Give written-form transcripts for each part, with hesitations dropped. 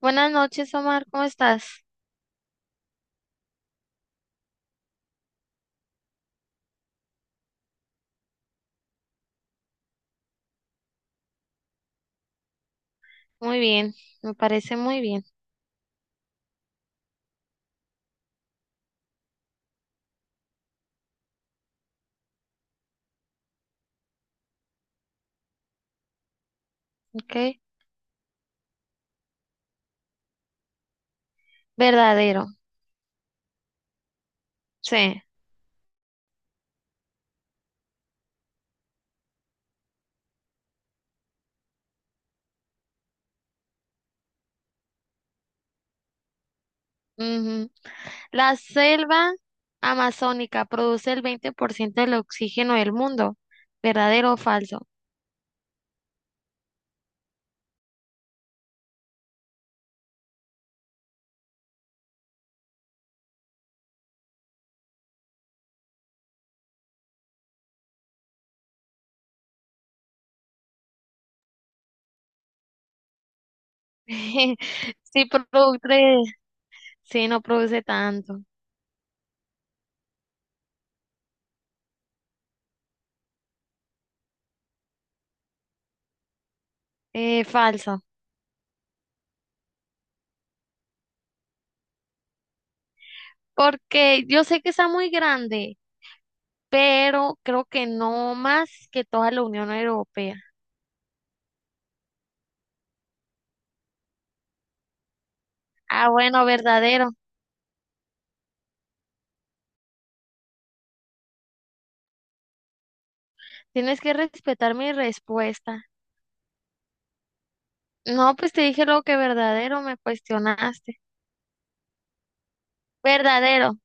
Buenas noches, Omar, ¿cómo estás? Muy bien, me parece muy bien. ¿Ok? Verdadero, sí. Ujú. La selva amazónica produce el 20% del oxígeno del mundo. ¿Verdadero o falso? Sí, produce, sí, no produce tanto. Falso. Porque yo sé que está muy grande, pero creo que no más que toda la Unión Europea. Ah, bueno, verdadero. Tienes que respetar mi respuesta. No, pues te dije lo que verdadero, me cuestionaste. Verdadero.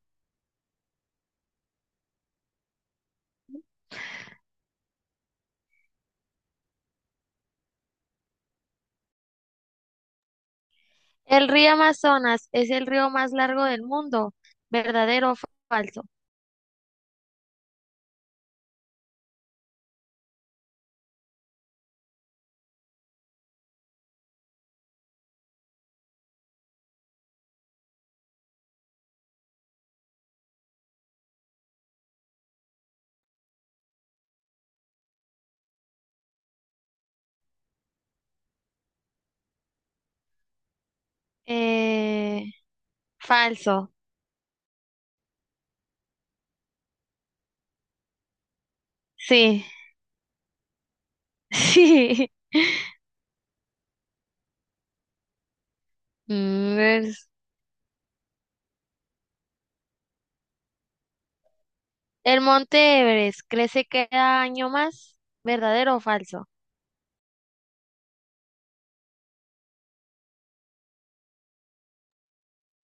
El río Amazonas es el río más largo del mundo. ¿Verdadero o falso? Eh, Falso. Sí, sí. Mm, es- El monte Everest crece cada año más. ¿Verdadero o falso?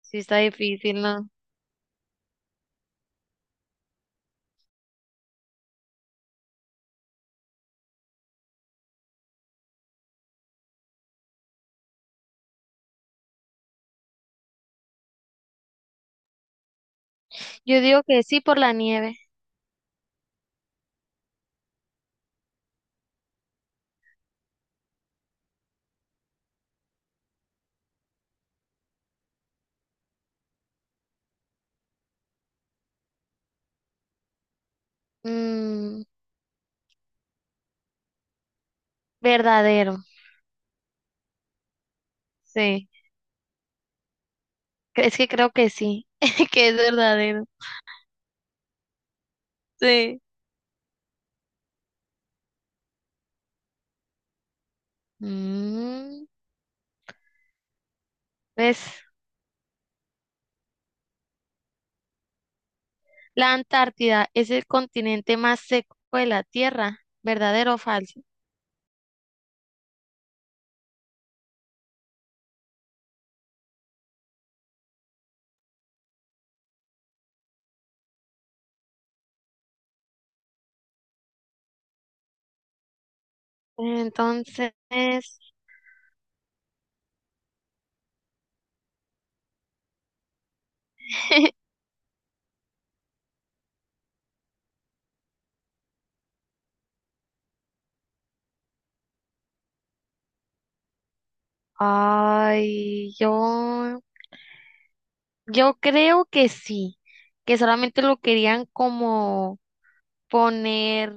Sí, está difícil, ¿no? Yo digo que sí por la nieve. Mm, verdadero. Sí. Es que creo que sí, que es verdadero. Sí. Mm. ¿Ves? La Antártida es el continente más seco de la Tierra, ¿verdadero o falso? Entonces, yo, yo creo que sí, que solamente lo querían como poner,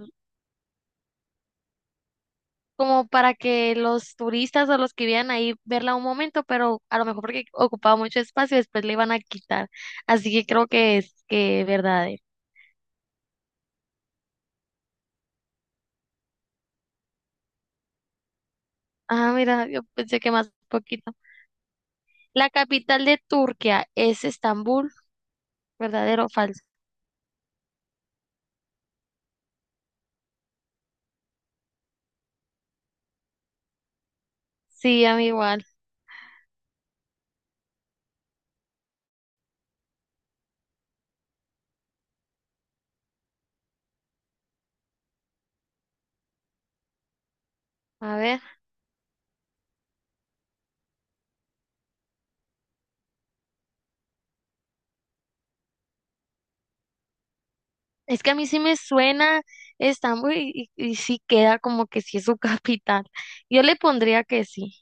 como para que los turistas o los que vivían ahí verla un momento, pero a lo mejor porque ocupaba mucho espacio, después le iban a quitar. Así que creo que es que verdadero. Ah, mira, yo pensé que más poquito. La capital de Turquía es Estambul, ¿verdadero o falso? Sí, a mí igual. A ver, es que a mí sí me suena Estambul y sí queda como que sí es su capital. Yo le pondría que sí.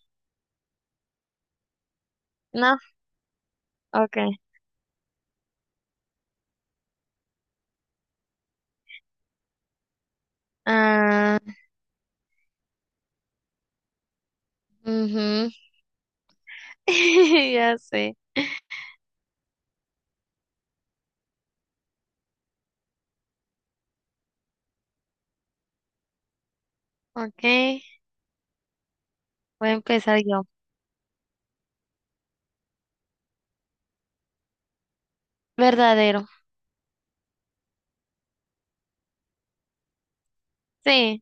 No, ok. Ah, ujú. Ya sé. Ok, voy a empezar yo. Verdadero. Sí,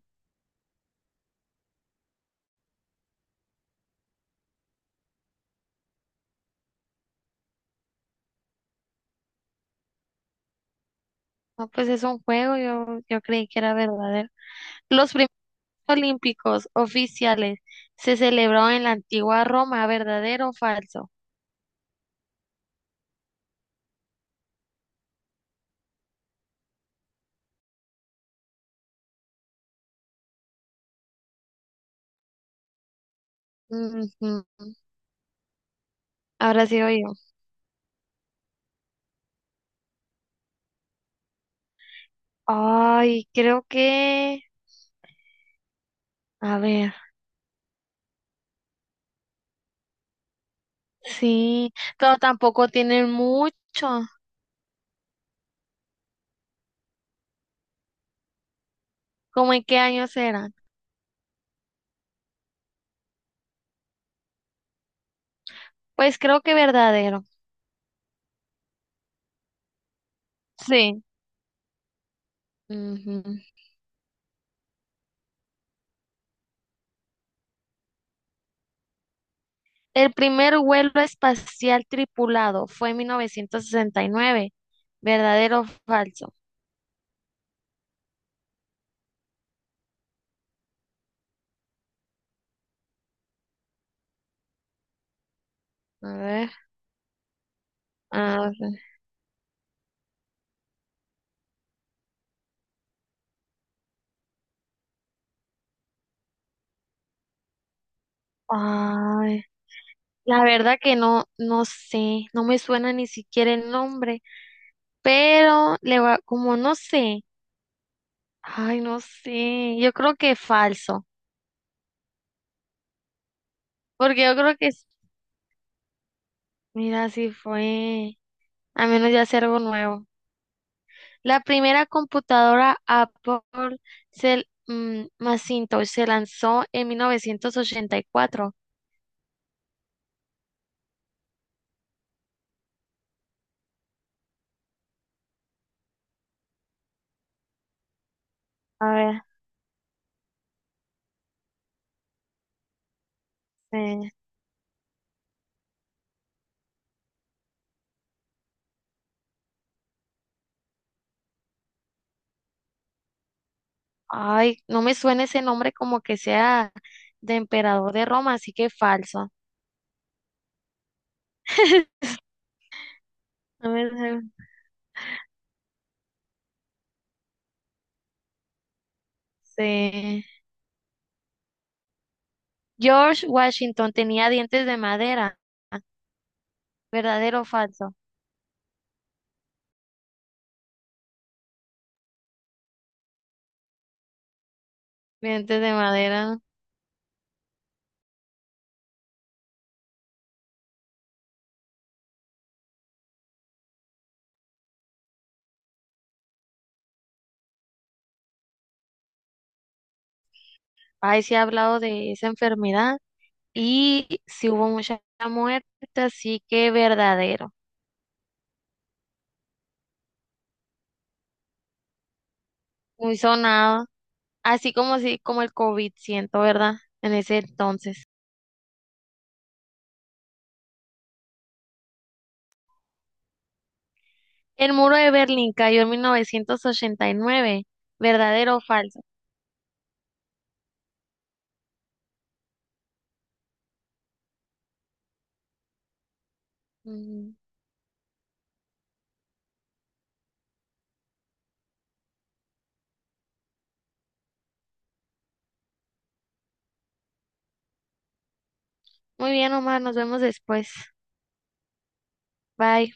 no, pues es un juego, yo creí que era verdadero. Los primeros olímpicos oficiales se celebraron en la antigua Roma, ¿verdadero o falso? Ujú. Ahora sí oigo. Ay, creo que, a ver, sí, pero tampoco tienen mucho. ¿Cómo en qué años eran? Pues creo que verdadero. Sí. Ujú. El primer vuelo espacial tripulado fue en 1969. ¿Verdadero o falso? A ver, a ver. Ay, la verdad que no, no sé, no me suena ni siquiera el nombre, pero le va, como no sé. Ay, no sé, yo creo que falso, porque yo creo que, es- mira, si fue, a menos ya hacer algo nuevo. La primera computadora Apple se, mm, Macintosh se lanzó en 1984. A ver, eh, ay, no me suena ese nombre como que sea de emperador de Roma, así que falso. No me suena. Sí. George Washington tenía dientes de madera. ¿Verdadero o falso? Dientes de madera. Ahí se ha hablado de esa enfermedad y si hubo muchas muertes, así que verdadero, muy sonado, así como si como el COVID, siento, ¿verdad? En ese entonces. El muro de Berlín cayó en 1989, ¿verdadero o falso? Mm. Muy bien, Omar, nos vemos después. Bye.